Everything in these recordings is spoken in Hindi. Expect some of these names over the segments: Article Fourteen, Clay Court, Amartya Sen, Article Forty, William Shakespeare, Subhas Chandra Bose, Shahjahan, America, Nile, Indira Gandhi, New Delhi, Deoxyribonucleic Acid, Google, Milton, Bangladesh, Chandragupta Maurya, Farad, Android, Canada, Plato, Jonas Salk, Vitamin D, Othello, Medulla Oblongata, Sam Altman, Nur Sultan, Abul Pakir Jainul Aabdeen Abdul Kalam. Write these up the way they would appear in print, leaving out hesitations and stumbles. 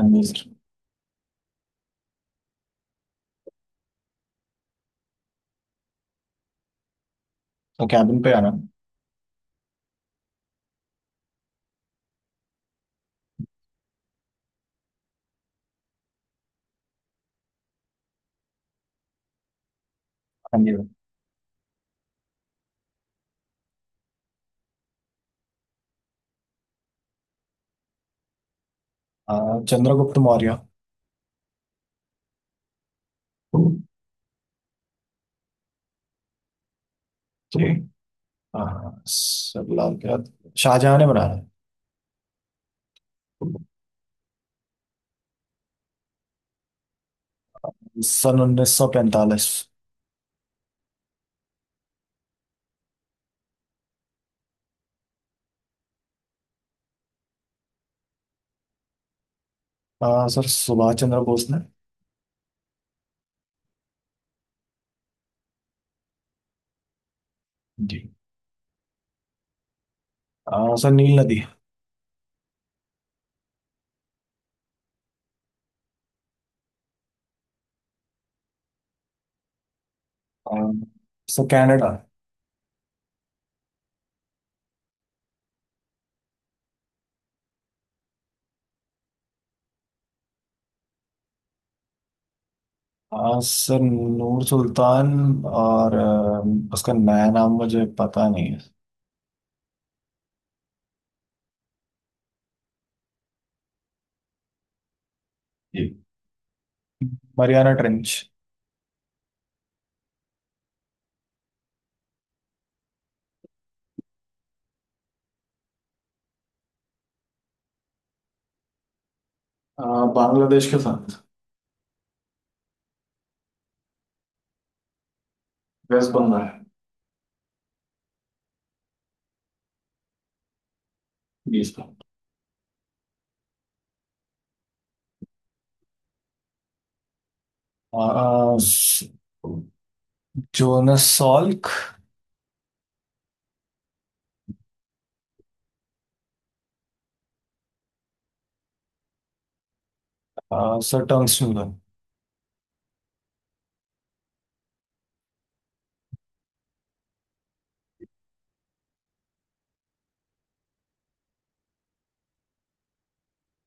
अनम्यूट। तो कैबिन पे आना। अनम्यूट। चंद्रगुप्त मौर्य। जी, सलाम, क्या शाहजहां ने बनाया है। सन 1945। सर सुभाष चंद्र बोस ने। जी। सर नील नदी। आ, sir Canada. Sir Nur Sultan. और उसका नया नाम मुझे पता नहीं है। जी। Mariana Trench. आ, बांग्लादेश के साथ। वेस्ट बंगाल। जी सर। आ, Jonas Salk। Sir Tung Snugan।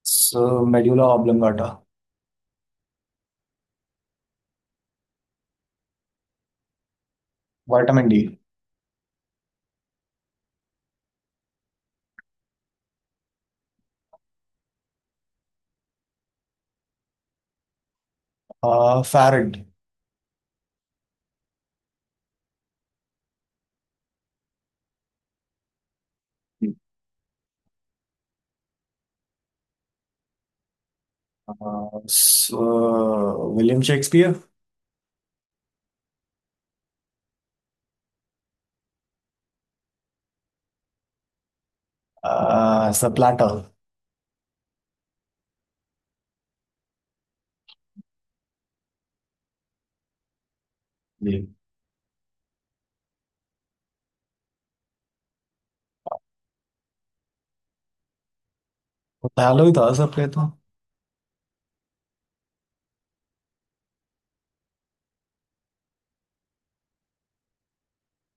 Sir Medulla Oblongata। Vitamin D। Farad। Sir William Shakespeare। Sir Plato। जी। ओथेलो ही था सर, प्ले तो।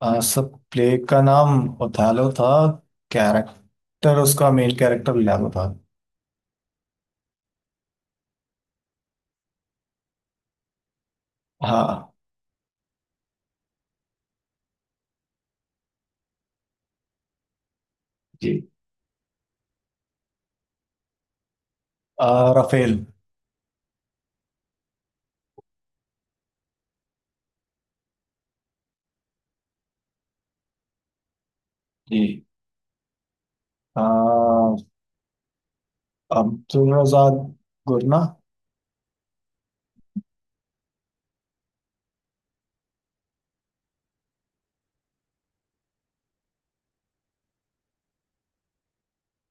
सर, प्ले का नाम ओथेलो था। कैरेक्टर, उसका मेन कैरेक्टर लियागो था। हाँ। जी। राफेल। जी। अह, अब्दुल रजाक गुरना।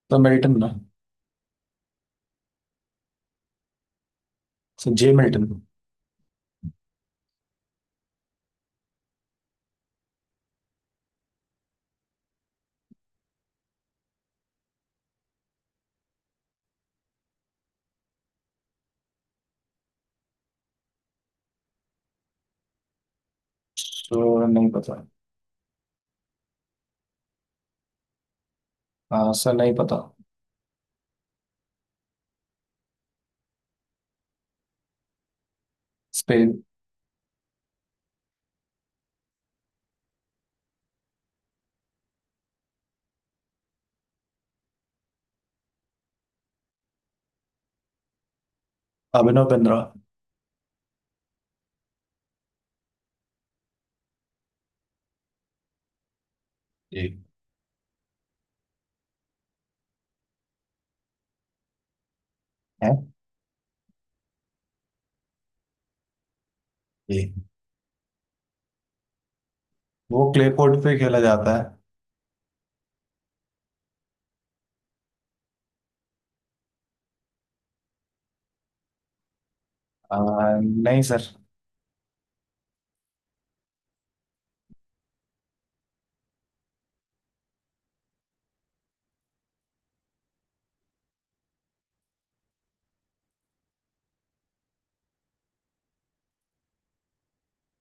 तो मिल्टन ना। Sir J Milton. श्योर नहीं पता। आंसर नहीं पता। स्पेन। अभिनव बिंद्रा। एक है। एक। वो क्ले कोर्ट पे खेला जाता है। आ, नहीं सर।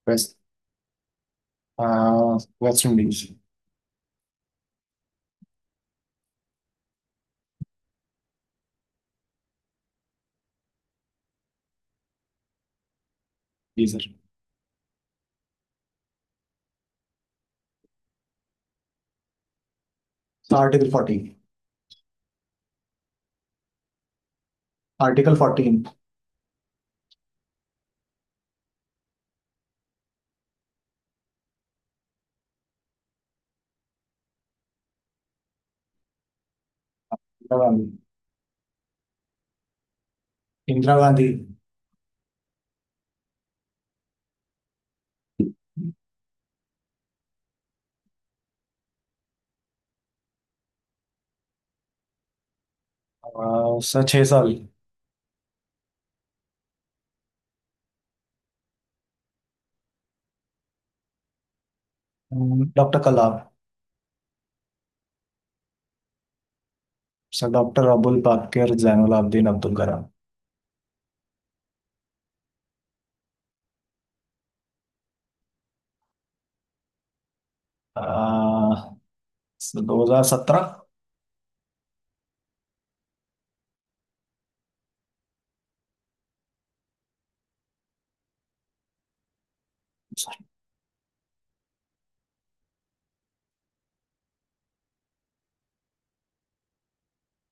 वेस्ट आ, वेस्ट इंडीज। जी sir. Article forty article 14। Indira Gandhi. Indira Gandhi. Sir 6 साल। Doctor Kalam. Sir doctor Avul Pakir Zainul Abedin Abdul Kalam. आ, सर 2017।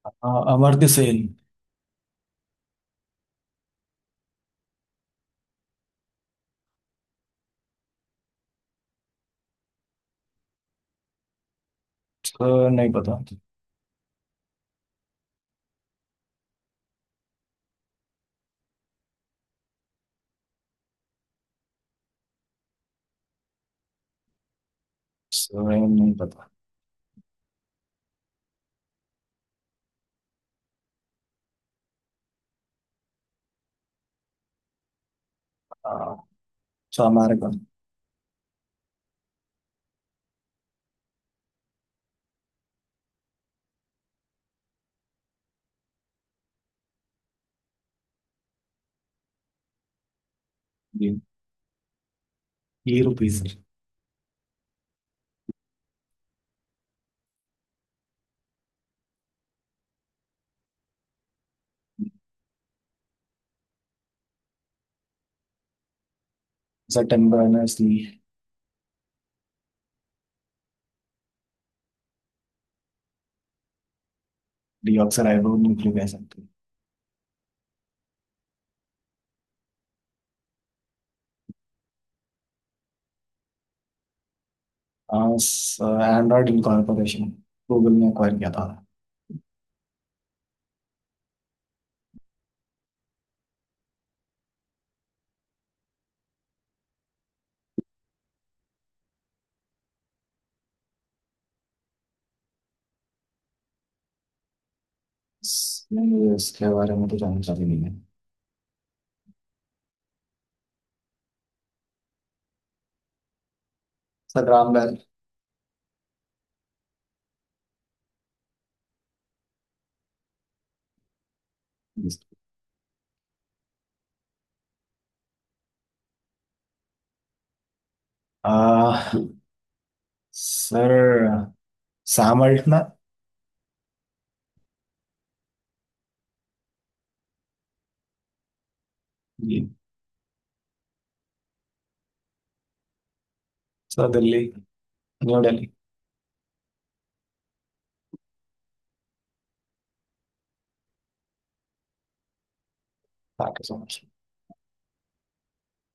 अमर्त्य सेन। सर नहीं पता। सर नहीं पता। आ, सो अमेरिका। जी। ये rupee sir. Sir Tim Berners Lee. Deoxyribonucleic acid. Android Incorporation. Google ने एक्वायर किया था। सर, मुझे इसके बारे में तो जानकारी नहीं है। Sir Graham Bell. जी। आ, सर सैम अल्टमैन। जी। Sir Delhi. New Delhi. Thank you so much.